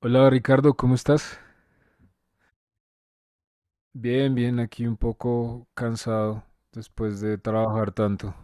Hola Ricardo, ¿cómo estás? Bien, bien, aquí un poco cansado después de trabajar tanto.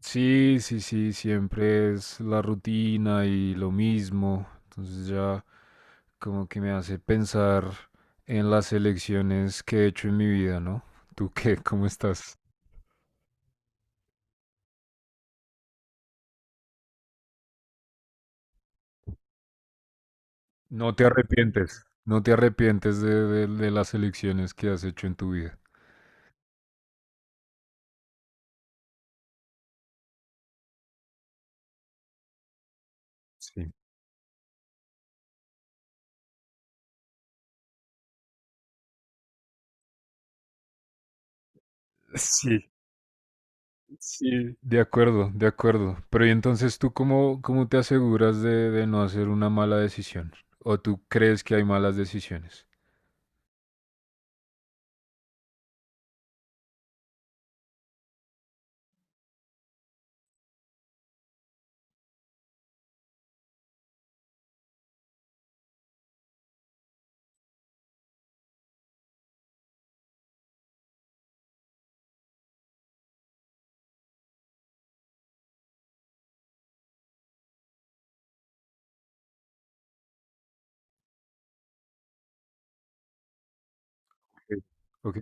Sí, sí, sí, siempre es la rutina y lo mismo. Entonces ya como que me hace pensar en las elecciones que he hecho en mi vida, ¿no? ¿Tú qué? ¿Cómo estás? No te arrepientes. No te arrepientes de las elecciones que has hecho en tu vida. Sí. Sí. Sí, de acuerdo, de acuerdo. Pero ¿y entonces tú cómo te aseguras de, no hacer una mala decisión? ¿O tú crees que hay malas decisiones? Ok,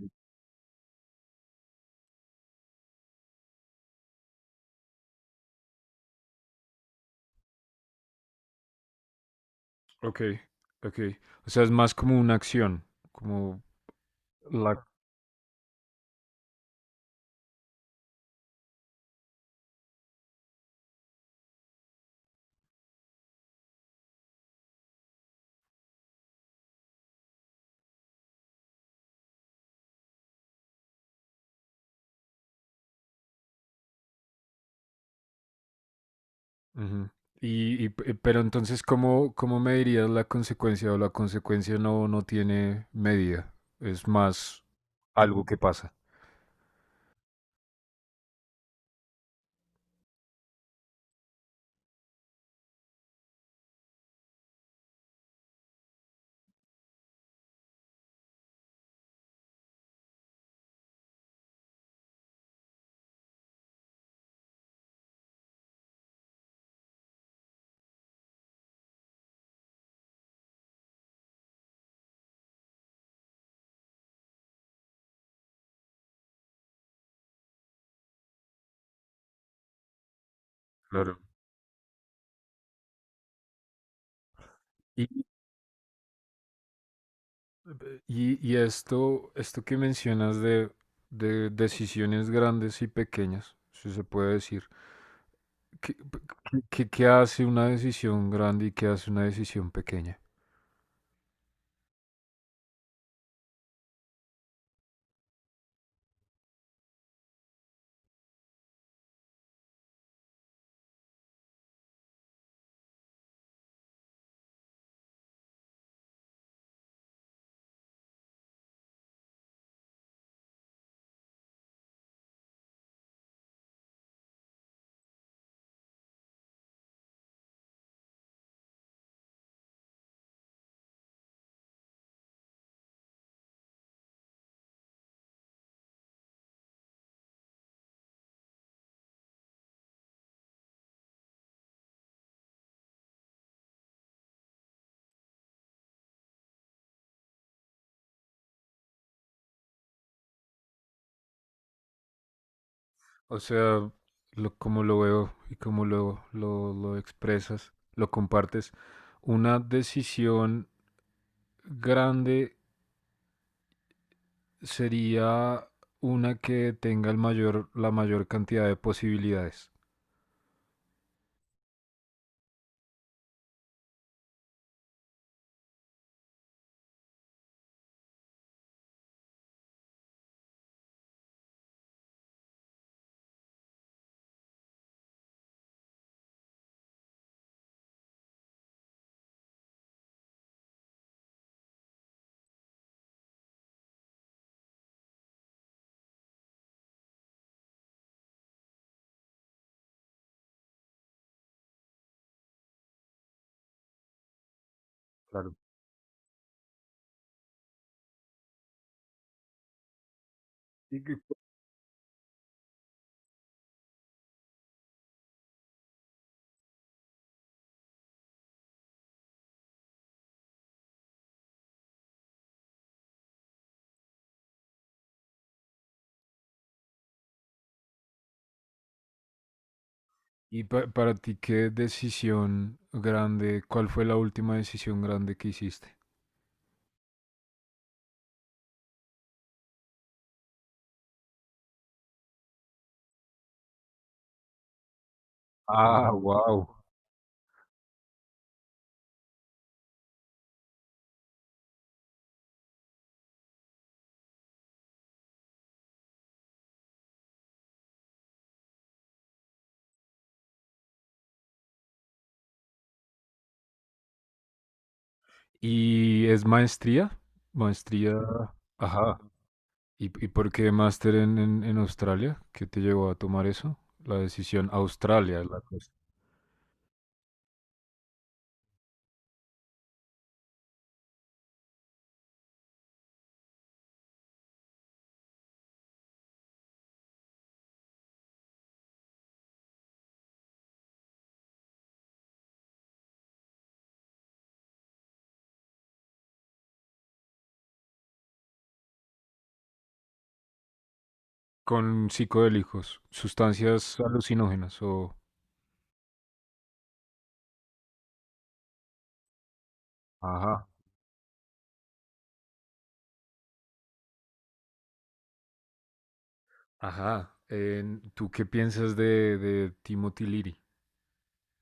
ok, ok. O sea, es más como una acción, como la. Ujú. Y pero entonces, ¿cómo medirías la consecuencia o la consecuencia no tiene medida? Es más algo que pasa. Claro. Y esto que mencionas de decisiones grandes y pequeñas, si se puede decir, ¿qué, qué hace una decisión grande y qué hace una decisión pequeña? O sea, como lo veo y como lo expresas, lo compartes, una decisión grande sería una que tenga el mayor, la mayor cantidad de posibilidades. Claro. Y para ti, ¿qué decisión grande, cuál fue la última decisión grande que hiciste? Ah, wow. ¿Y es maestría? Maestría, ajá. ¿Y por qué máster en Australia? ¿Qué te llevó a tomar eso? La decisión Australia, la cosa. Con psicodélicos, sustancias alucinógenas o. Ajá. Ajá. ¿Tú qué piensas de Timothy Leary?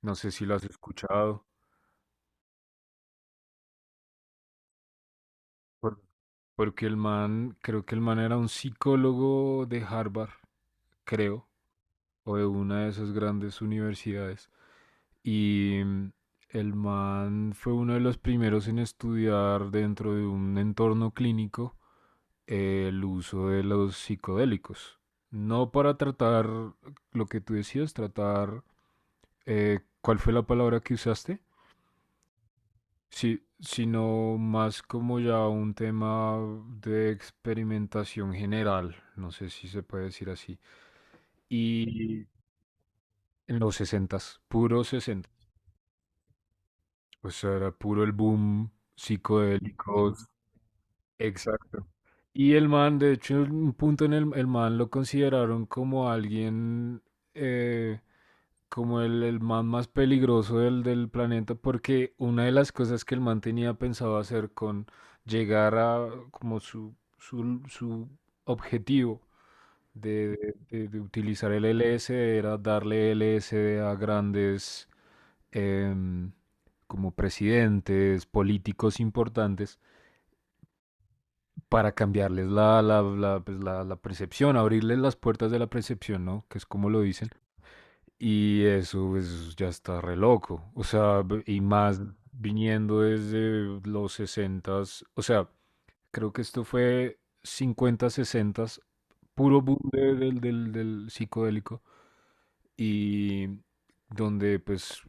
No sé si lo has escuchado. Porque el man, creo que el man era un psicólogo de Harvard, creo, o de una de esas grandes universidades. Y el man fue uno de los primeros en estudiar dentro de un entorno clínico, el uso de los psicodélicos. No para tratar lo que tú decías, tratar, ¿cuál fue la palabra que usaste? Sí, sino más como ya un tema de experimentación general, no sé si se puede decir así. Y en los sesentas, puro 60. O sea, era puro el boom psicodélico. Exacto. Y el man, de hecho, en un punto, en el man lo consideraron como alguien, eh, como el man más peligroso del planeta, porque una de las cosas que el man tenía pensado hacer con llegar a como su objetivo de, de utilizar el LSD era darle LSD a grandes, em, como presidentes, políticos importantes, para cambiarles pues, la percepción, abrirles las puertas de la percepción, ¿no? Que es como lo dicen. Y eso es, ya está re loco. O sea, y más viniendo desde los sesentas. O sea, creo que esto fue cincuenta, 60, puro boom del psicodélico. Y donde pues,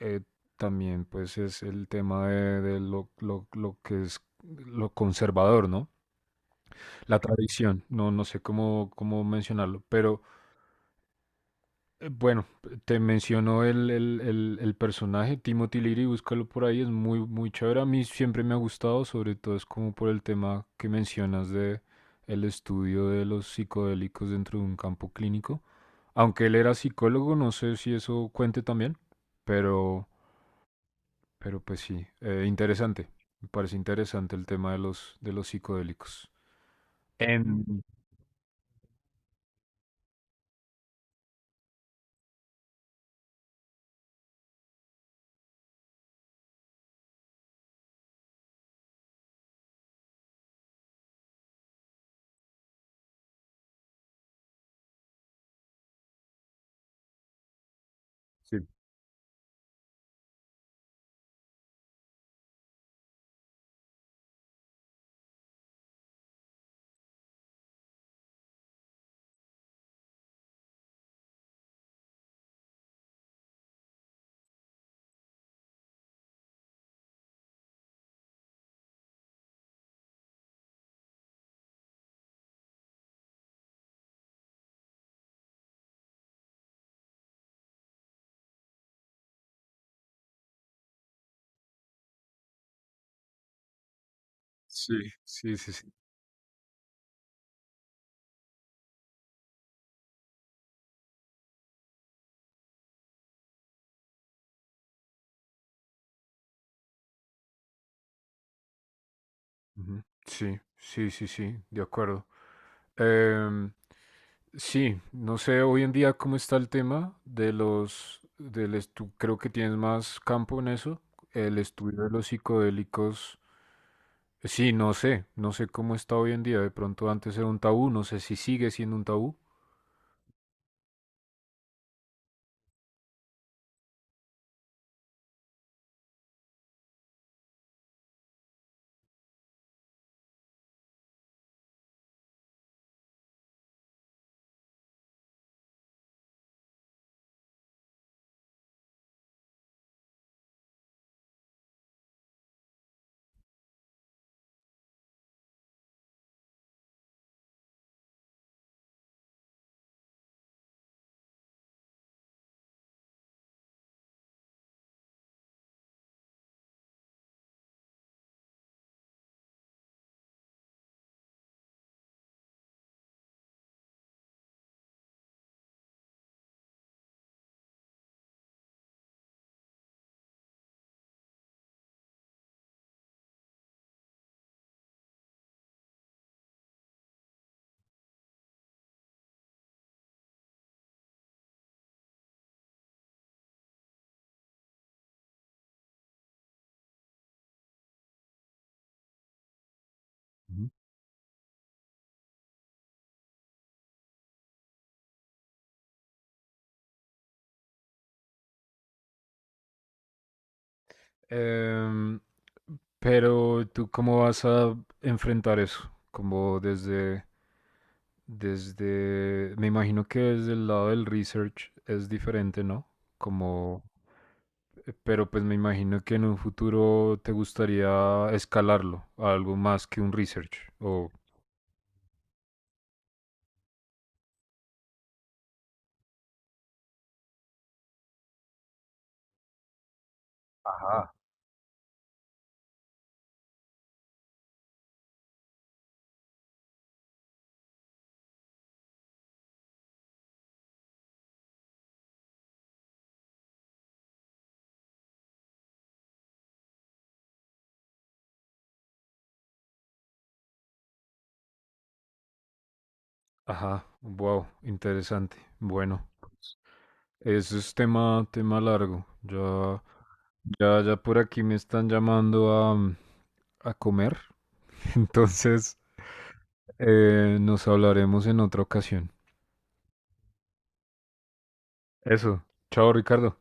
eh, también pues es el tema de lo que es lo conservador, ¿no? La tradición, no, no sé cómo mencionarlo, pero bueno, te menciono el personaje, Timothy Leary, búscalo por ahí, es muy, muy chévere. A mí siempre me ha gustado, sobre todo es como por el tema que mencionas de el estudio de los psicodélicos dentro de un campo clínico. Aunque él era psicólogo, no sé si eso cuente también, pero, pues sí, interesante. Me parece interesante el tema de los psicodélicos. En... Sí, sí, sí, sí, sí. Ujú. Sí, sí, sí, sí, de acuerdo. Em, sí, no sé hoy en día cómo está el tema de los, del estu- creo que tienes más campo en eso, el estudio de los psicodélicos. Sí, no sé cómo está hoy en día. De pronto antes era un tabú, no sé si sigue siendo un tabú. Ujú. Em, pero tú cómo vas a enfrentar eso, como desde, me imagino que desde el lado del research es diferente, ¿no? Como, pero pues me imagino que en un futuro te gustaría escalarlo a algo más que un research. O, Ajá, ajá, wow, interesante. Bueno, pues, eso es tema largo. Ya, ya, ya por aquí me están llamando a comer. Entonces, nos hablaremos en otra ocasión. Eso. Chao, Ricardo.